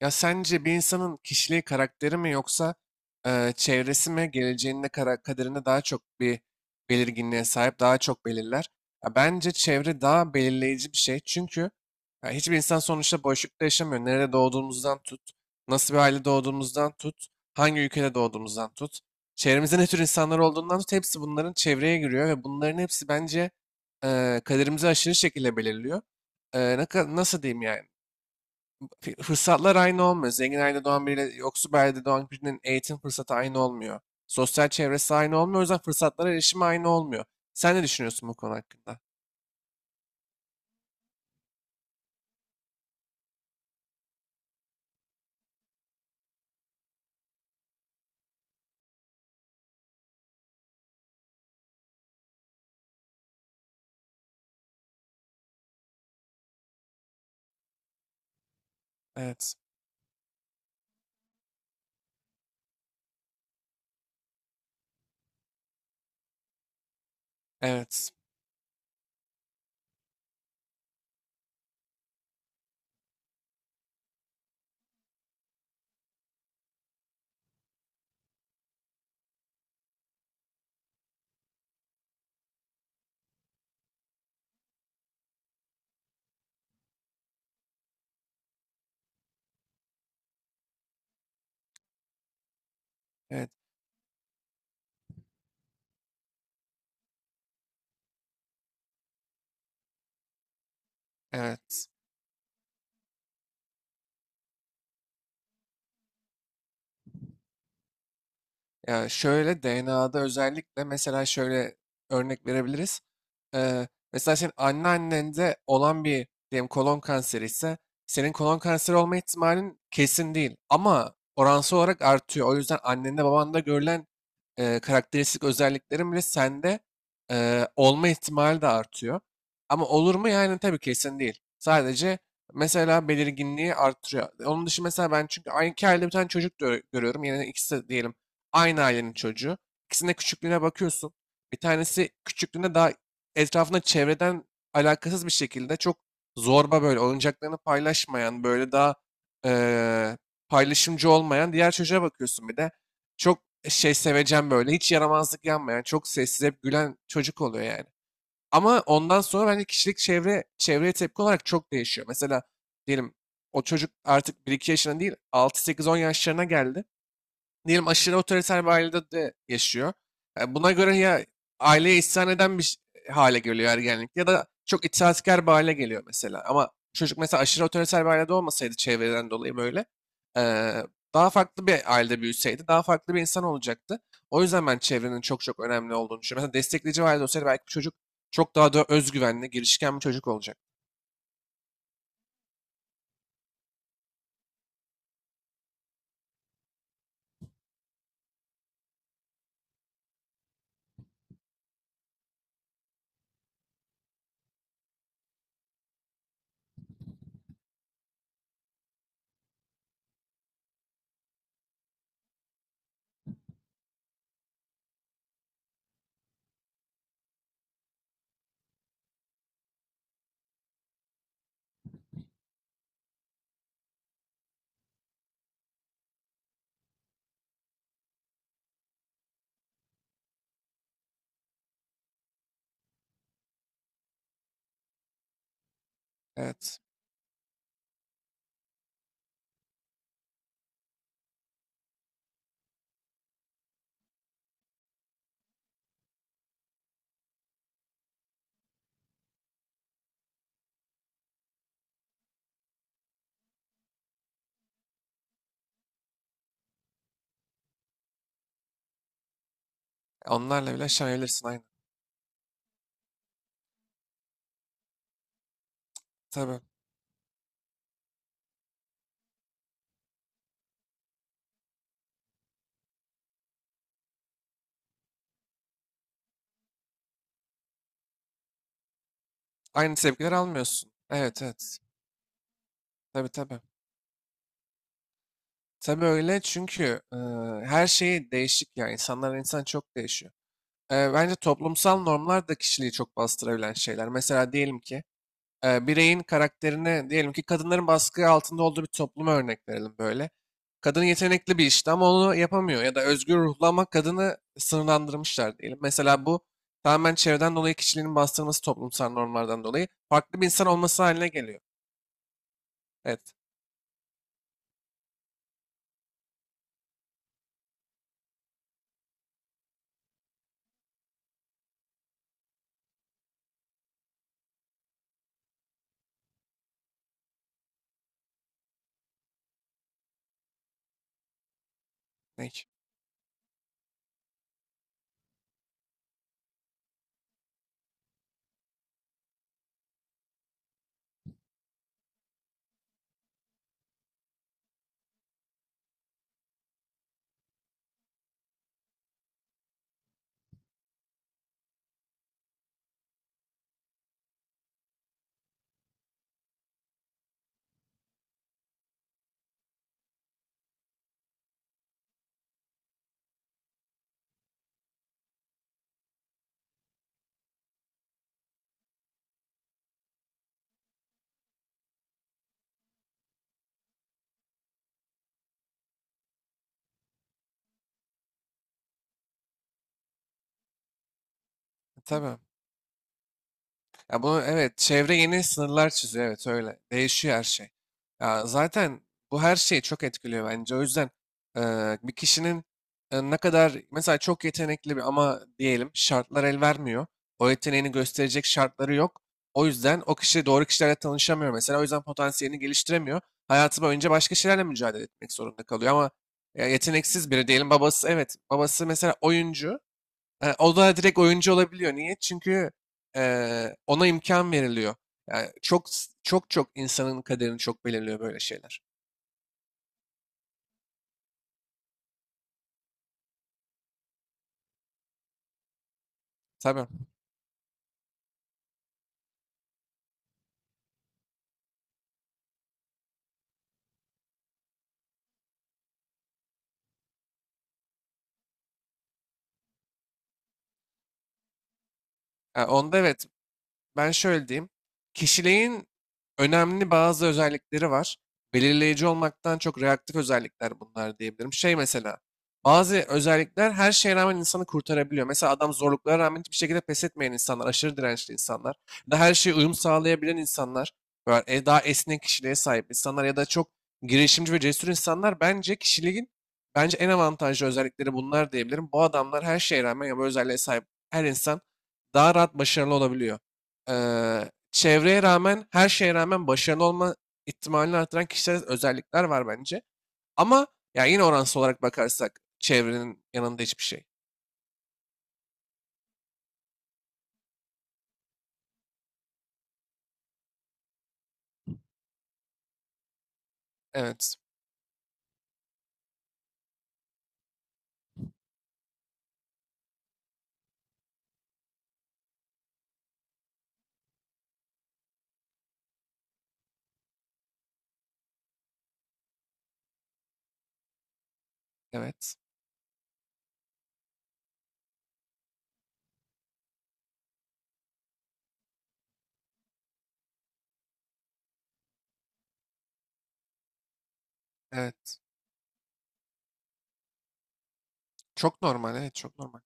Ya sence bir insanın kişiliği, karakteri mi yoksa çevresi mi geleceğinde kara kaderinde daha çok bir belirginliğe sahip, daha çok belirler? Ya bence çevre daha belirleyici bir şey. Çünkü ya hiçbir insan sonuçta boşlukta yaşamıyor. Nerede doğduğumuzdan tut, nasıl bir aile doğduğumuzdan tut, hangi ülkede doğduğumuzdan tut. Çevremizde ne tür insanlar olduğundan tut, hepsi bunların çevreye giriyor ve bunların hepsi bence kaderimizi aşırı şekilde belirliyor. Nasıl diyeyim yani? Fırsatlar aynı olmuyor. Zengin ailede doğan biriyle yoksul bir ailede doğan birinin eğitim fırsatı aynı olmuyor. Sosyal çevresi aynı olmuyor. O yüzden fırsatlara erişimi aynı olmuyor. Sen ne düşünüyorsun bu konu hakkında? Evet, evet, evet, evet. Ya şöyle DNA'da özellikle mesela şöyle örnek verebiliriz. Mesela senin anneannende olan bir diyelim kolon kanseri ise senin kolon kanseri olma ihtimalin kesin değil ama oransal olarak artıyor. O yüzden annende babanda görülen karakteristik özelliklerin bile sende olma ihtimali de artıyor. Ama olur mu yani tabii kesin değil. Sadece mesela belirginliği artırıyor. Onun dışı mesela ben çünkü aynı iki ailede bir tane çocuk görüyorum. Yani ikisi de diyelim aynı ailenin çocuğu. İkisinin de küçüklüğüne bakıyorsun. Bir tanesi küçüklüğünde daha etrafında çevreden alakasız bir şekilde çok zorba böyle oyuncaklarını paylaşmayan, böyle daha eee, paylaşımcı olmayan diğer çocuğa bakıyorsun bir de. Çok şey sevecen böyle, hiç yaramazlık yanmayan, çok sessiz hep gülen çocuk oluyor yani. Ama ondan sonra bence kişilik çevreye tepki olarak çok değişiyor. Mesela diyelim o çocuk artık bir iki yaşına değil altı sekiz on yaşlarına geldi diyelim aşırı otoriter bir ailede de yaşıyor. Buna göre ya aileye isyan eden bir hale geliyor ergenlikte ya da çok itaatkar bir hale geliyor mesela. Ama çocuk mesela aşırı otoriter bir ailede olmasaydı çevreden dolayı böyle e, daha farklı bir ailede büyüseydi daha farklı bir insan olacaktı. O yüzden ben çevrenin çok çok önemli olduğunu düşünüyorum. Mesela destekleyici bir ailede olsaydı belki bu çocuk çok daha da özgüvenli, girişken bir çocuk olacak. Evet. Onlarla bile şaşabilirsin aynı. Tabii. Aynı tepkiler almıyorsun. Evet, evet. Tabii, tabii. Tabii öyle çünkü e, her şey değişik ya. İnsanlar insan çok değişiyor. Bence toplumsal normlar da kişiliği çok bastırabilen şeyler. Mesela diyelim ki bireyin karakterine diyelim ki kadınların baskı altında olduğu bir topluma örnek verelim böyle. Kadın yetenekli bir işte ama onu yapamıyor ya da özgür ruhlu ama kadını sınırlandırmışlar diyelim. Mesela bu tamamen çevreden dolayı kişiliğinin bastırılması toplumsal normlardan dolayı farklı bir insan olması haline geliyor. Evet. Ne? Tabii. Ya bunu evet çevre yeni sınırlar çiziyor evet öyle. Değişiyor her şey. Ya zaten bu her şeyi çok etkiliyor bence. O yüzden bir kişinin ne kadar mesela çok yetenekli bir ama diyelim şartlar el vermiyor. O yeteneğini gösterecek şartları yok. O yüzden o kişi doğru kişilerle tanışamıyor mesela. O yüzden potansiyelini geliştiremiyor. Hayatı boyunca başka şeylerle mücadele etmek zorunda kalıyor ama ya yeteneksiz biri diyelim babası evet babası mesela oyuncu. O da direkt oyuncu olabiliyor. Niye? Çünkü ona imkan veriliyor. Yani çok çok çok insanın kaderini çok belirliyor böyle şeyler. Tabii. Onda evet. Ben şöyle diyeyim. Kişiliğin önemli bazı özellikleri var. Belirleyici olmaktan çok reaktif özellikler bunlar diyebilirim. Şey mesela bazı özellikler her şeye rağmen insanı kurtarabiliyor. Mesela adam zorluklara rağmen hiçbir şekilde pes etmeyen insanlar, aşırı dirençli insanlar, ya da her şeye uyum sağlayabilen insanlar, böyle daha esnek kişiliğe sahip insanlar ya da çok girişimci ve cesur insanlar bence kişiliğin en avantajlı özellikleri bunlar diyebilirim. Bu adamlar her şeye rağmen ya bu özelliğe sahip her insan daha rahat başarılı olabiliyor. Çevreye rağmen, her şeye rağmen başarılı olma ihtimalini artıran kişisel özellikler var bence. Ama ya yine oransal olarak bakarsak çevrenin yanında hiçbir şey. Evet, evet, evet. Çok normal, evet, çok normal.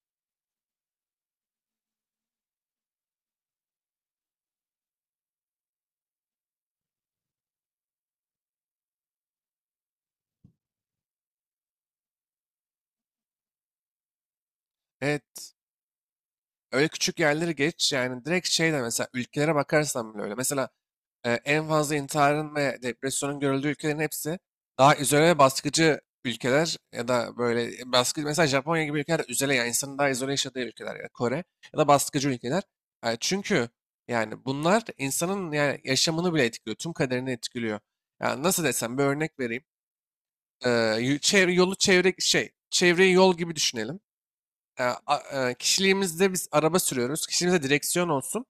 Evet, öyle küçük yerleri geç yani direkt şey de mesela ülkelere bakarsan bile öyle. Mesela en fazla intiharın ve depresyonun görüldüğü ülkelerin hepsi daha izole ve baskıcı ülkeler ya da böyle baskı mesela Japonya gibi ülkeler izole yani insanın daha izole yaşadığı ülkeler ya da Kore ya da baskıcı ülkeler. Çünkü yani bunlar insanın yani yaşamını bile etkiliyor, tüm kaderini etkiliyor. Yani nasıl desem bir örnek vereyim. E, Çevreyi yol gibi düşünelim. Kişiliğimizde biz araba sürüyoruz. Kişiliğimizde direksiyon olsun.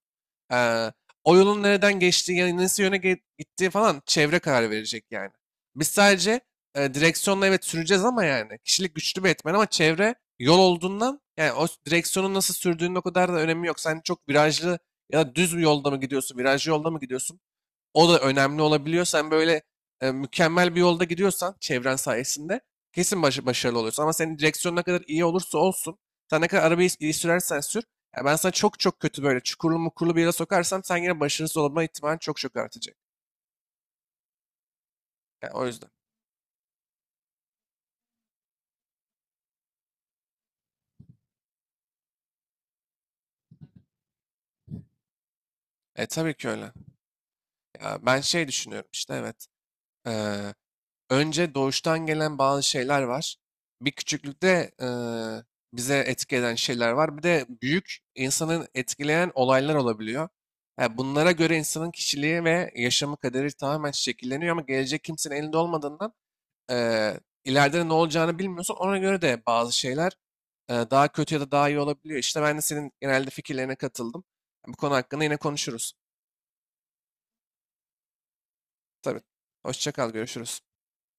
Eee, O yolun nereden geçtiği, yani nasıl yöne gittiği falan çevre karar verecek yani. Biz sadece direksiyonla evet süreceğiz ama yani kişilik güçlü bir etmen ama çevre yol olduğundan yani o direksiyonun nasıl sürdüğünün o kadar da önemi yok. Sen çok virajlı ya da düz bir yolda mı gidiyorsun, virajlı yolda mı gidiyorsun? O da önemli olabiliyor. Sen böyle mükemmel bir yolda gidiyorsan çevren sayesinde kesin başarılı oluyorsun. Ama senin direksiyon ne kadar iyi olursa olsun, sen ne kadar arabayı iyi sürersen sür, ya ben sana çok çok kötü böyle çukurlu mukurlu bir yere sokarsam sen yine başarısız olma ihtimalin çok çok artacak. Yani o yüzden. E tabii ki öyle. Ya ben şey düşünüyorum işte evet. Ee, Önce doğuştan gelen bazı şeyler var. Bir küçüklükte bize etki eden şeyler var. Bir de büyük insanın etkileyen olaylar olabiliyor. Yani bunlara göre insanın kişiliği ve yaşamı kaderi tamamen şekilleniyor ama gelecek kimsenin elinde olmadığından eee ileride ne olacağını bilmiyorsun. Ona göre de bazı şeyler daha kötü ya da daha iyi olabiliyor. İşte ben de senin genelde fikirlerine katıldım. Bu konu hakkında yine konuşuruz. Tabii. Hoşça kal, görüşürüz.